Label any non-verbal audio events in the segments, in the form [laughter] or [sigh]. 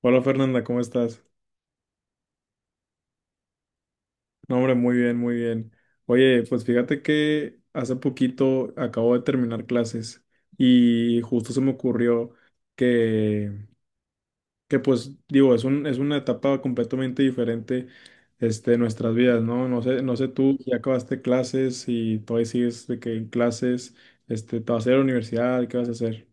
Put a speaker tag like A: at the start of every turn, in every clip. A: Hola Fernanda, ¿cómo estás? No, hombre, muy bien, muy bien. Oye, pues fíjate que hace poquito acabo de terminar clases y justo se me ocurrió que, que pues digo, es es una etapa completamente diferente de nuestras vidas, ¿no? No sé, no sé tú, si ya acabaste clases y todavía sigues de que en clases, te vas a ir a la universidad, ¿qué vas a hacer?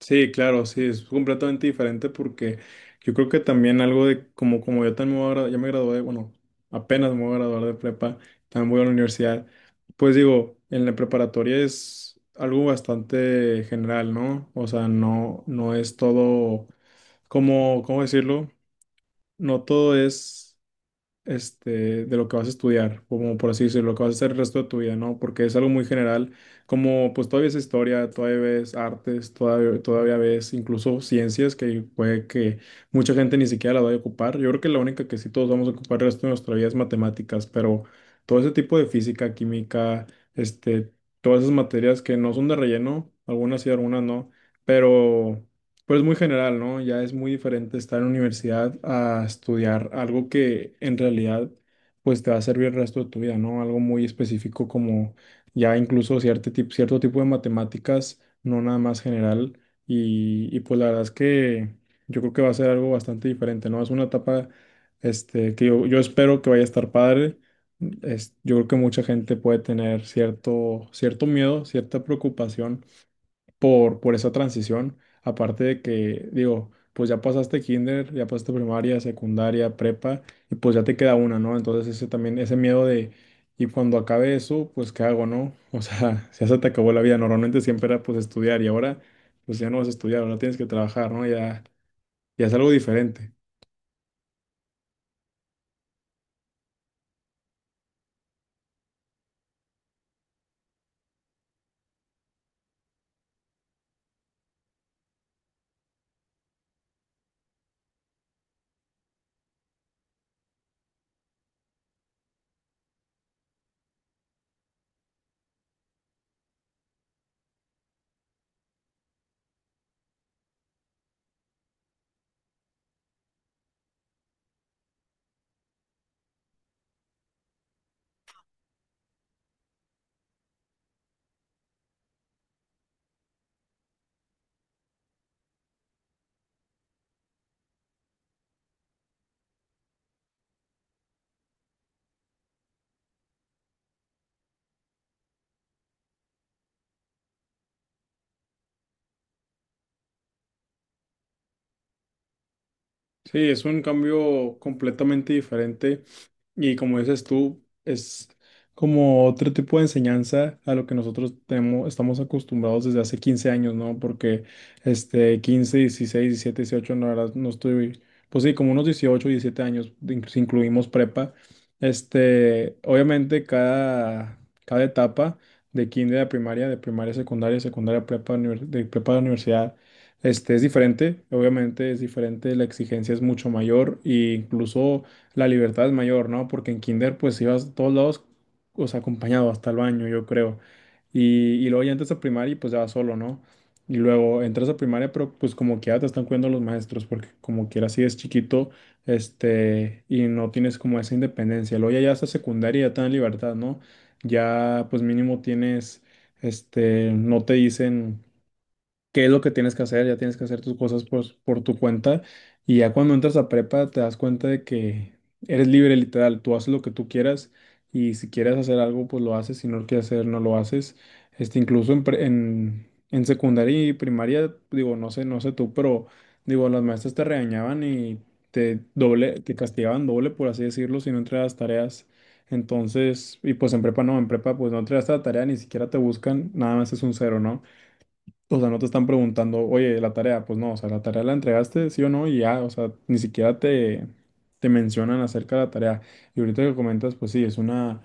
A: Sí, claro, sí, es completamente diferente porque yo creo que también algo de como yo también me voy a ya me gradué, bueno, apenas me voy a graduar de prepa, también voy a la universidad, pues digo, en la preparatoria es algo bastante general, ¿no? O sea, no es todo, ¿cómo decirlo? No todo es de lo que vas a estudiar, como por así decirlo, lo que vas a hacer el resto de tu vida, ¿no? Porque es algo muy general, como pues todavía es historia, todavía ves artes, todavía ves incluso ciencias que puede que mucha gente ni siquiera la vaya a ocupar. Yo creo que la única que sí todos vamos a ocupar el resto de nuestra vida es matemáticas, pero todo ese tipo de física, química, este, todas esas materias que no son de relleno, algunas sí, algunas no, pero... Pues muy general, ¿no? Ya es muy diferente estar en la universidad a estudiar algo que en realidad pues te va a servir el resto de tu vida, ¿no? Algo muy específico como ya incluso cierto tipo de matemáticas, no nada más general. Y pues la verdad es que yo creo que va a ser algo bastante diferente, ¿no? Es una etapa que yo espero que vaya a estar padre. Es, yo creo que mucha gente puede tener cierto miedo, cierta preocupación por esa transición. Aparte de que, digo, pues ya pasaste kinder, ya pasaste primaria, secundaria, prepa, y pues ya te queda una, ¿no? Entonces ese también, ese miedo de, y cuando acabe eso, pues ¿qué hago, no? O sea, [laughs] ya se te acabó la vida. Normalmente siempre era pues estudiar y ahora pues ya no vas a estudiar, ahora tienes que trabajar, ¿no? Ya, ya es algo diferente. Sí, es un cambio completamente diferente. Y como dices tú, es como otro tipo de enseñanza a lo que nosotros tenemos, estamos acostumbrados desde hace 15 años, ¿no? Porque 15 16 17 18 no, la verdad, no estoy, pues sí, como unos 18 17 años, de si incluimos prepa. Este, obviamente cada etapa de kinder a primaria, de primaria a secundaria, secundaria a prepa, de prepa a la universidad, es diferente. Obviamente es diferente, la exigencia es mucho mayor e incluso la libertad es mayor, ¿no? Porque en kinder pues ibas a todos lados, o sea, acompañado hasta el baño, yo creo. Y luego ya entras a primaria y pues ya vas solo, ¿no? Y luego entras a primaria, pero pues como que ya te están cuidando los maestros, porque como quiera si es chiquito, y no tienes como esa independencia. Luego ya hasta secundaria ya te dan libertad, ¿no? Ya pues mínimo tienes, no te dicen qué es lo que tienes que hacer, ya tienes que hacer tus cosas por tu cuenta y ya cuando entras a prepa te das cuenta de que eres libre literal, tú haces lo que tú quieras y si quieres hacer algo pues lo haces, si no lo quieres hacer no lo haces. Este, incluso en secundaria y primaria, digo, no sé, no sé tú, pero digo, las maestras te regañaban y te castigaban doble, por así decirlo, si no entregabas tareas. Entonces, y pues en prepa no, en prepa pues no entregas la tarea, ni siquiera te buscan, nada más es un cero, ¿no? O sea, no te están preguntando, oye, la tarea, pues no, o sea, la tarea la entregaste, sí o no, y ya, o sea, ni siquiera te mencionan acerca de la tarea. Y ahorita que comentas, pues sí, es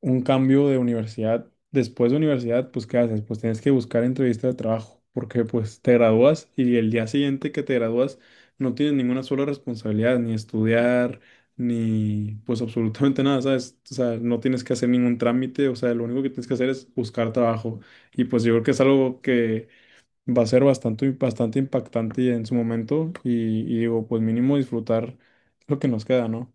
A: un cambio de universidad. Después de universidad, pues ¿qué haces? Pues tienes que buscar entrevista de trabajo, porque pues te gradúas y el día siguiente que te gradúas no tienes ninguna sola responsabilidad, ni estudiar, ni pues absolutamente nada, ¿sabes? O sea, no tienes que hacer ningún trámite, o sea, lo único que tienes que hacer es buscar trabajo. Y pues yo creo que es algo que va a ser bastante impactante en su momento y digo, pues mínimo disfrutar lo que nos queda, ¿no?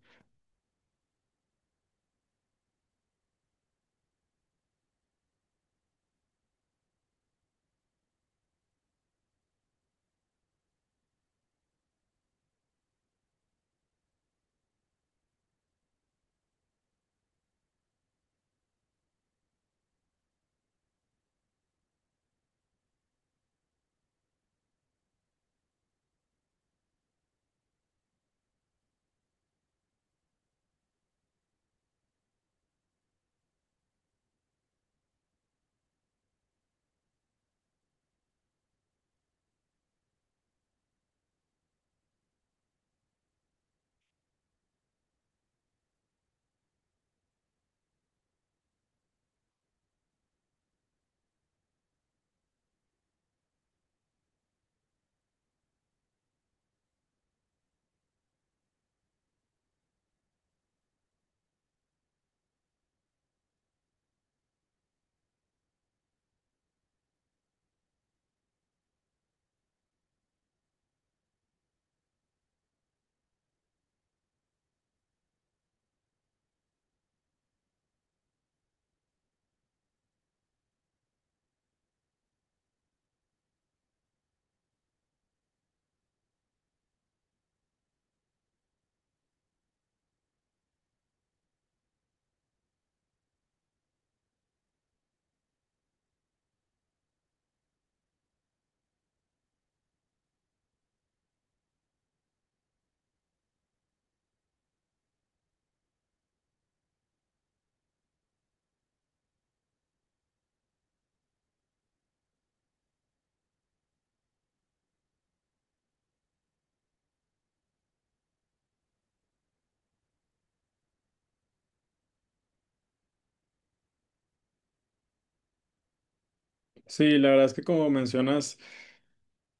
A: Sí, la verdad es que como mencionas,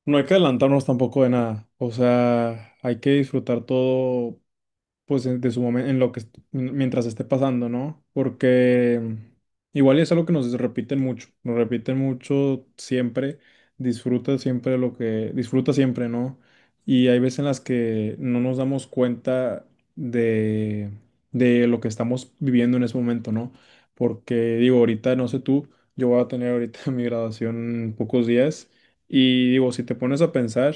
A: no hay que adelantarnos tampoco de nada, o sea, hay que disfrutar todo pues de su momento, en lo que, mientras esté pasando, ¿no? Porque igual es algo que nos repiten mucho siempre, disfruta siempre lo que, disfruta siempre, ¿no? Y hay veces en las que no nos damos cuenta de, de lo que estamos viviendo en ese momento, ¿no? Porque digo, ahorita, no sé tú, yo voy a tener ahorita [laughs] mi graduación en pocos días y digo, si te pones a pensar,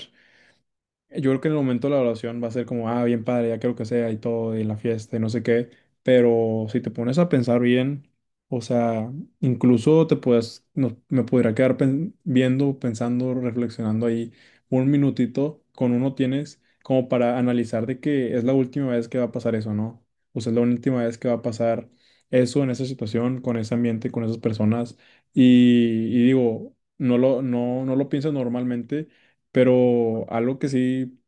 A: yo creo que en el momento de la oración va a ser como, ah, bien padre, ya quiero que sea y todo, y la fiesta y no sé qué, pero si te pones a pensar bien, o sea, incluso te puedes, no- me pudiera quedar viendo, pensando, reflexionando ahí un minutito, con uno tienes como para analizar de que es la última vez que va a pasar eso, ¿no? O sea, es la última vez que va a pasar eso en esa situación, con ese ambiente, con esas personas, y, y digo, no lo piensas normalmente. Pero algo que sí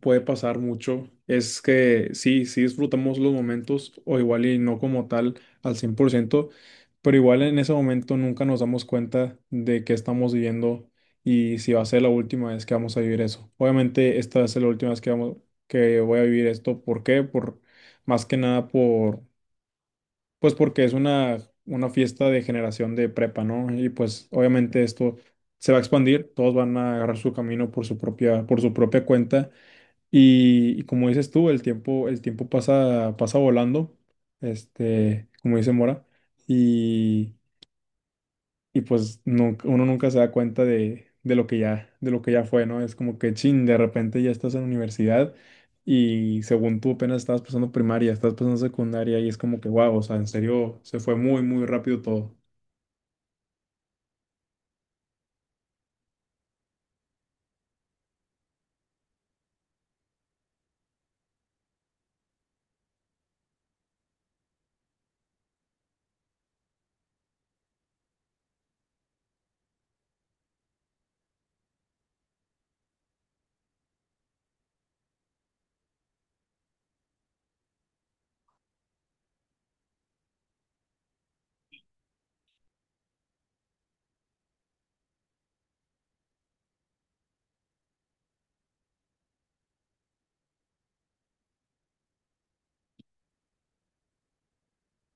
A: puede pasar mucho es que sí disfrutamos los momentos o igual y no como tal al 100% pero igual en ese momento nunca nos damos cuenta de que estamos viviendo y si va a ser la última vez que vamos a vivir eso. Obviamente esta va a ser la última vez que que voy a vivir esto. ¿Por qué? Por más que nada pues porque es una fiesta de generación de prepa, ¿no? Y pues obviamente esto se va a expandir, todos van a agarrar su camino por su por su propia cuenta y como dices tú, el tiempo pasa, pasa volando, como dice Mora, y, y pues uno nunca se da cuenta de lo que de lo que ya fue, ¿no? Es como que chin, de repente ya estás en universidad y según tú apenas estabas pasando primaria, estás pasando secundaria y es como que wow, o sea, en serio, se fue muy rápido todo.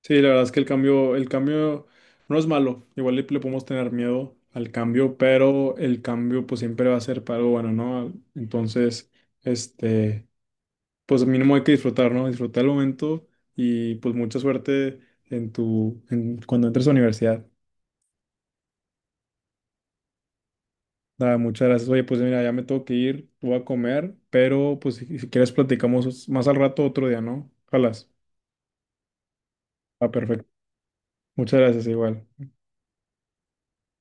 A: Sí, la verdad es que el cambio no es malo. Igual le podemos tener miedo al cambio, pero el cambio pues siempre va a ser para algo bueno, ¿no? Entonces, este, pues mínimo hay que disfrutar, ¿no? Disfrutar el momento y pues mucha suerte en cuando entres a la universidad. Nada, muchas gracias. Oye, pues mira, ya me tengo que ir, voy a comer, pero pues si quieres platicamos más al rato otro día, ¿no? Ojalá. Ah, perfecto. Muchas gracias, igual.